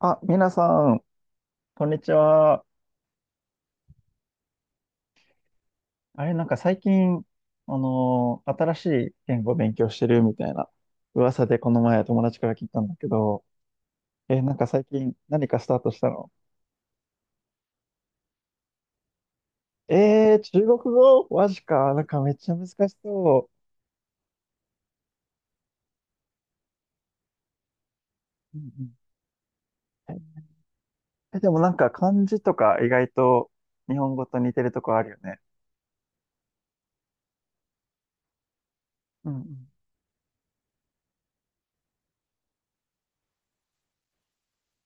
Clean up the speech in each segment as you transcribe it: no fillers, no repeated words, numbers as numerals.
あ、皆さん、こんにちは。あれ、なんか最近、新しい言語を勉強してるみたいな噂でこの前友達から聞いたんだけど、なんか最近何かスタートしたの？中国語マジか。なんかめっちゃ難しそう。うんうん。でもなんか漢字とか意外と日本語と似てるとこあるよね。うん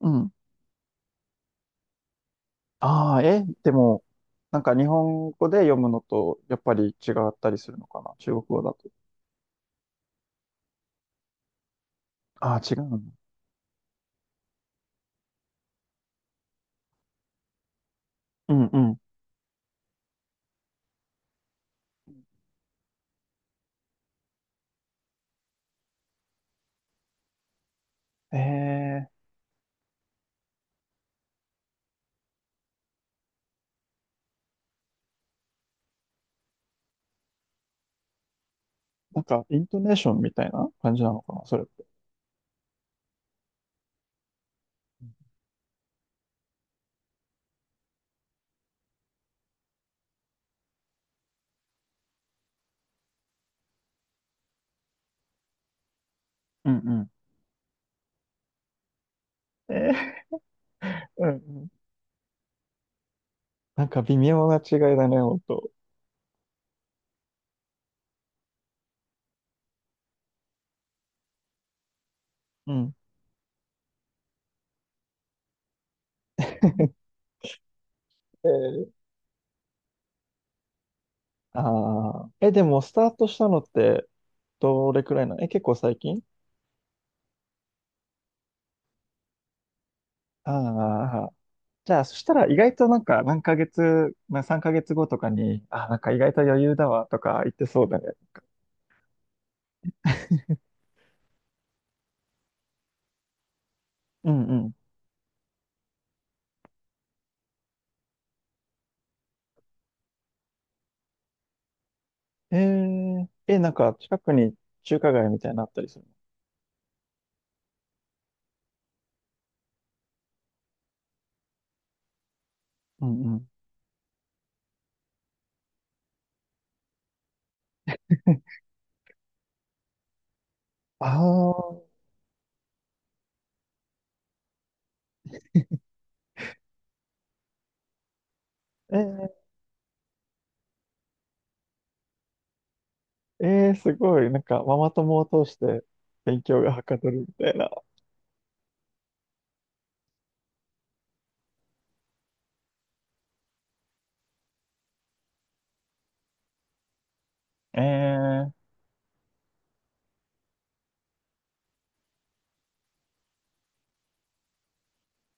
うん。うん。ああ、でも、なんか日本語で読むのとやっぱり違ったりするのかな中国語だと。ああ、違うの。うんうん。えー、なんか、イントネーションみたいな感じなのかな、それって。うんうん。うんうん。なんか微妙な違いだね、ほんと。うん。えー、あー、でも、スタートしたのって、どれくらいなの？結構最近？ああ。じゃあ、そしたら意外となんか、何ヶ月、まあ、3ヶ月後とかに、あ、なんか意外と余裕だわ、とか言ってそうだね。うんうん。ー、なんか、近くに中華街みたいなのあったりするの？うんうん。ああ、ええすごい。なんか、ママ友を通して勉強がはかどるみたいな。えー、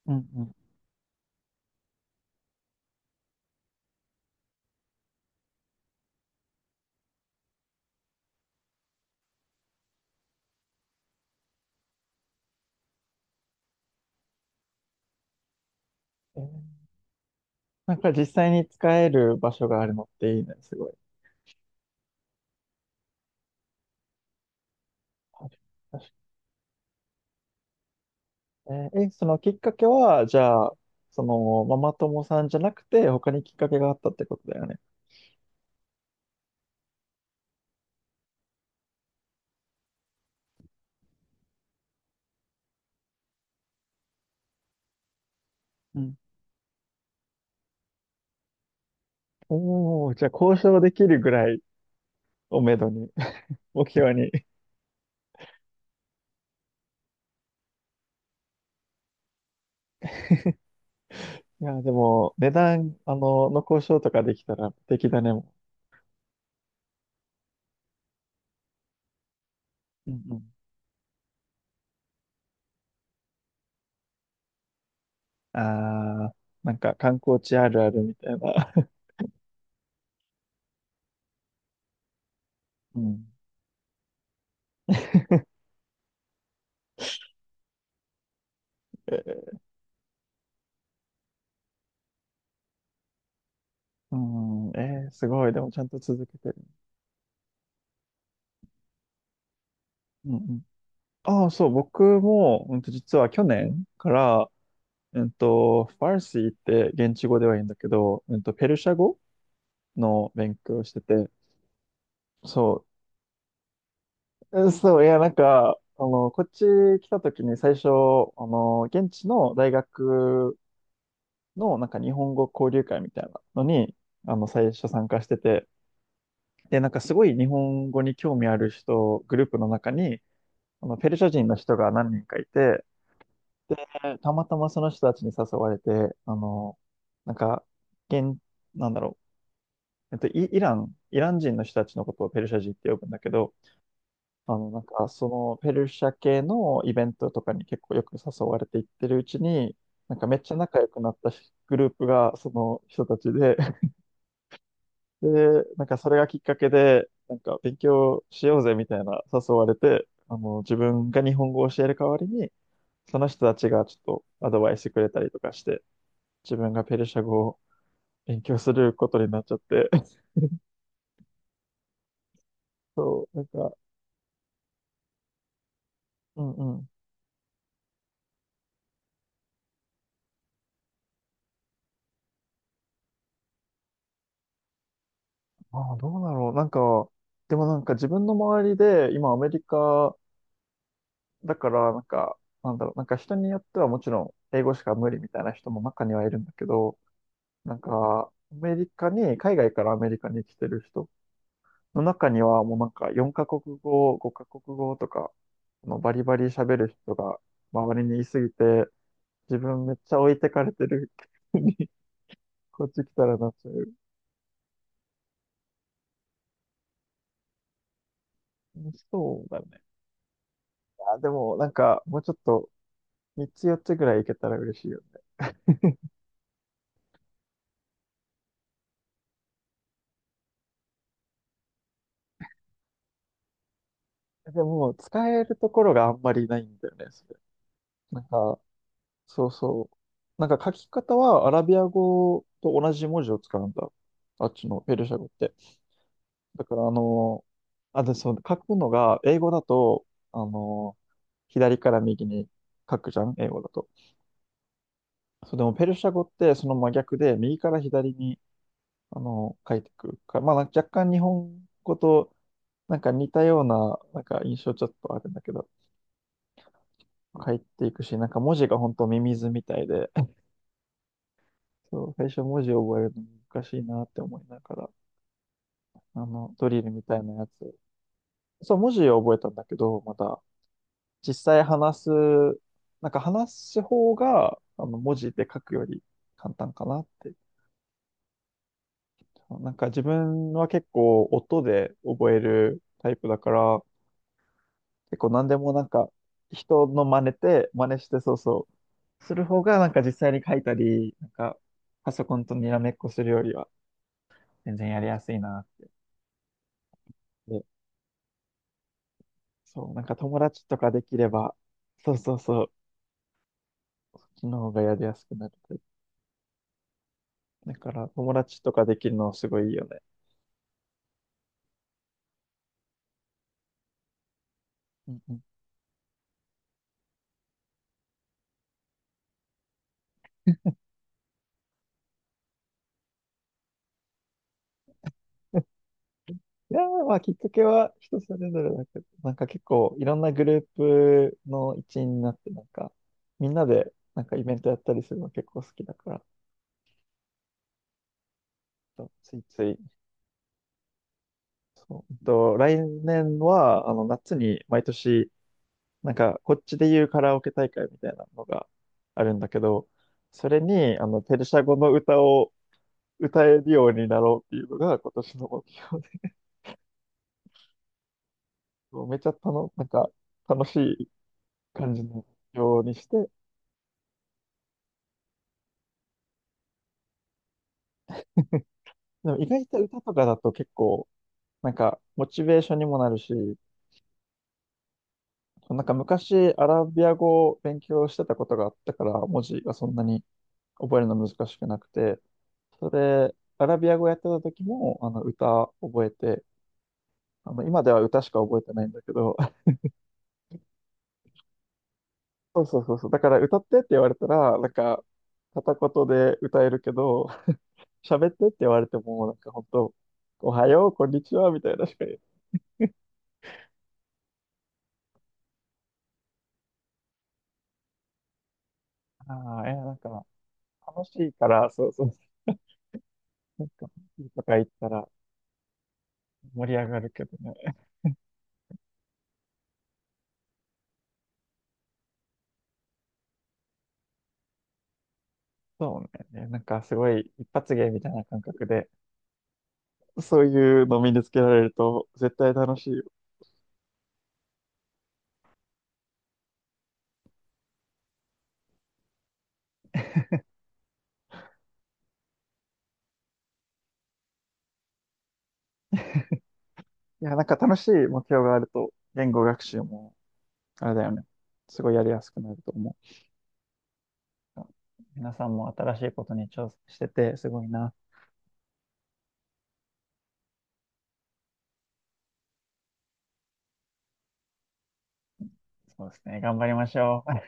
うんうん。えーなんか実際に使える場所があるのっていいね。すごい。確かに。えーえそのきっかけは、じゃあ、その、ママ友さんじゃなくて、他にきっかけがあったってことだよね。うん。おお、じゃあ交渉できるぐらいをめどに、目標に。いや、でも、値段、の交渉とかできたら、敵だね、もう。うん。ああ、なんか観光地あるあるみたいな。うん。えーうん、すごい。でもちゃんと続けてる。うんうん。ああ、そう、僕も、実は去年から、ファルシーって現地語では言うんだけど、ペルシャ語の勉強をしてて、そう、そう、いや、なんか、こっち来た時に最初、現地の大学の、なんか日本語交流会みたいなのに、最初参加してて、で、なんかすごい日本語に興味ある人、グループの中に、ペルシャ人の人が何人かいて、で、たまたまその人たちに誘われて、あの、なんか、現、なんだろう、イラン人の人たちのことをペルシャ人って呼ぶんだけど、なんか、そのペルシャ系のイベントとかに結構よく誘われていってるうちに、なんかめっちゃ仲良くなったしグループがその人たちで、で、なんかそれがきっかけで、なんか勉強しようぜみたいな誘われて、自分が日本語を教える代わりに、その人たちがちょっとアドバイスくれたりとかして、自分がペルシャ語を勉強することになっちゃって、そう、なんか、うんうん。ああ、どうだろう。なんか、でもなんか自分の周りで、今アメリカだから、なんか、なんだろう、なんか人によってはもちろん英語しか無理みたいな人も中にはいるんだけど、なんか、アメリカに、海外からアメリカに来てる人の中にはもうなんか4カ国語、5カ国語とか、バリバリ喋る人が周りにいすぎて、自分めっちゃ置いてかれてる に、こっち来たらなっちゃう。そうだね。あ、でもなんかもうちょっと3つ4つぐらいいけたら嬉しいよね。でも使えるところがあんまりないんだよね、それ。なんか、そうそう。なんか書き方はアラビア語と同じ文字を使うんだ。あっちのペルシャ語って。だから、あ、で、そう、書くのが、英語だと、あの、左から右に書くじゃん、英語だと。そう、でも、ペルシャ語ってその真逆で、右から左に、書いてくるから、まあ、なんか若干日本語と、なんか似たような、なんか印象ちょっとあるんだけど、書いていくし、なんか文字が本当ミミズみたいで、そう、最初文字を覚えるの難しいなって思いながら、ドリルみたいなやつ。そう、文字を覚えたんだけど、また、実際話す、なんか話す方が、文字で書くより簡単かなって。なんか自分は結構音で覚えるタイプだから、結構何でもなんか人の真似て、真似してそうそう、する方がなんか実際に書いたり、なんかパソコンとにらめっこするよりは全然やりやすいなって。そう、なんか友達とかできれば、そうそうそう、そっちの方がやりやすくなるタイプ。だから友達とかできるのすごいいいよね。うんうん。いやー、まあ、きっかけは人それぞれだけど、なんか結構いろんなグループの一員になって、なんか、みんなでなんかイベントやったりするの結構好きだから、ついつい。そう。来年は、夏に毎年、なんか、こっちで言うカラオケ大会みたいなのがあるんだけど、それに、ペルシャ語の歌を歌えるようになろうっていうのが今年の目標で、もうめちゃたのなんか、楽しい感じの目標にして、でも意外と歌とかだと結構、なんか、モチベーションにもなるし、なんか昔アラビア語を勉強してたことがあったから、文字がそんなに覚えるの難しくなくて、それで、アラビア語やってた時も、歌覚えて、今では歌しか覚えてないんだけど、そうそうそうそう、だから歌ってって言われたら、なんか、片言で歌えるけど、喋ってって言われても、なんか本当、おはよう、こんにちは、みたいなしか言えない。ああ、いや、なんか、楽しいから、そうそうなんか、とか言ったら盛り上がるけどね。そうね。なんかすごい一発芸みたいな感覚で、そういうの身につけられると絶対楽しいよ。いや、なんか楽しい目標があると、言語学習も、あれだよね。すごいやりやすくなると思う。皆さんも新しいことに挑戦してて、すごいな。そうですね。頑張りましょう。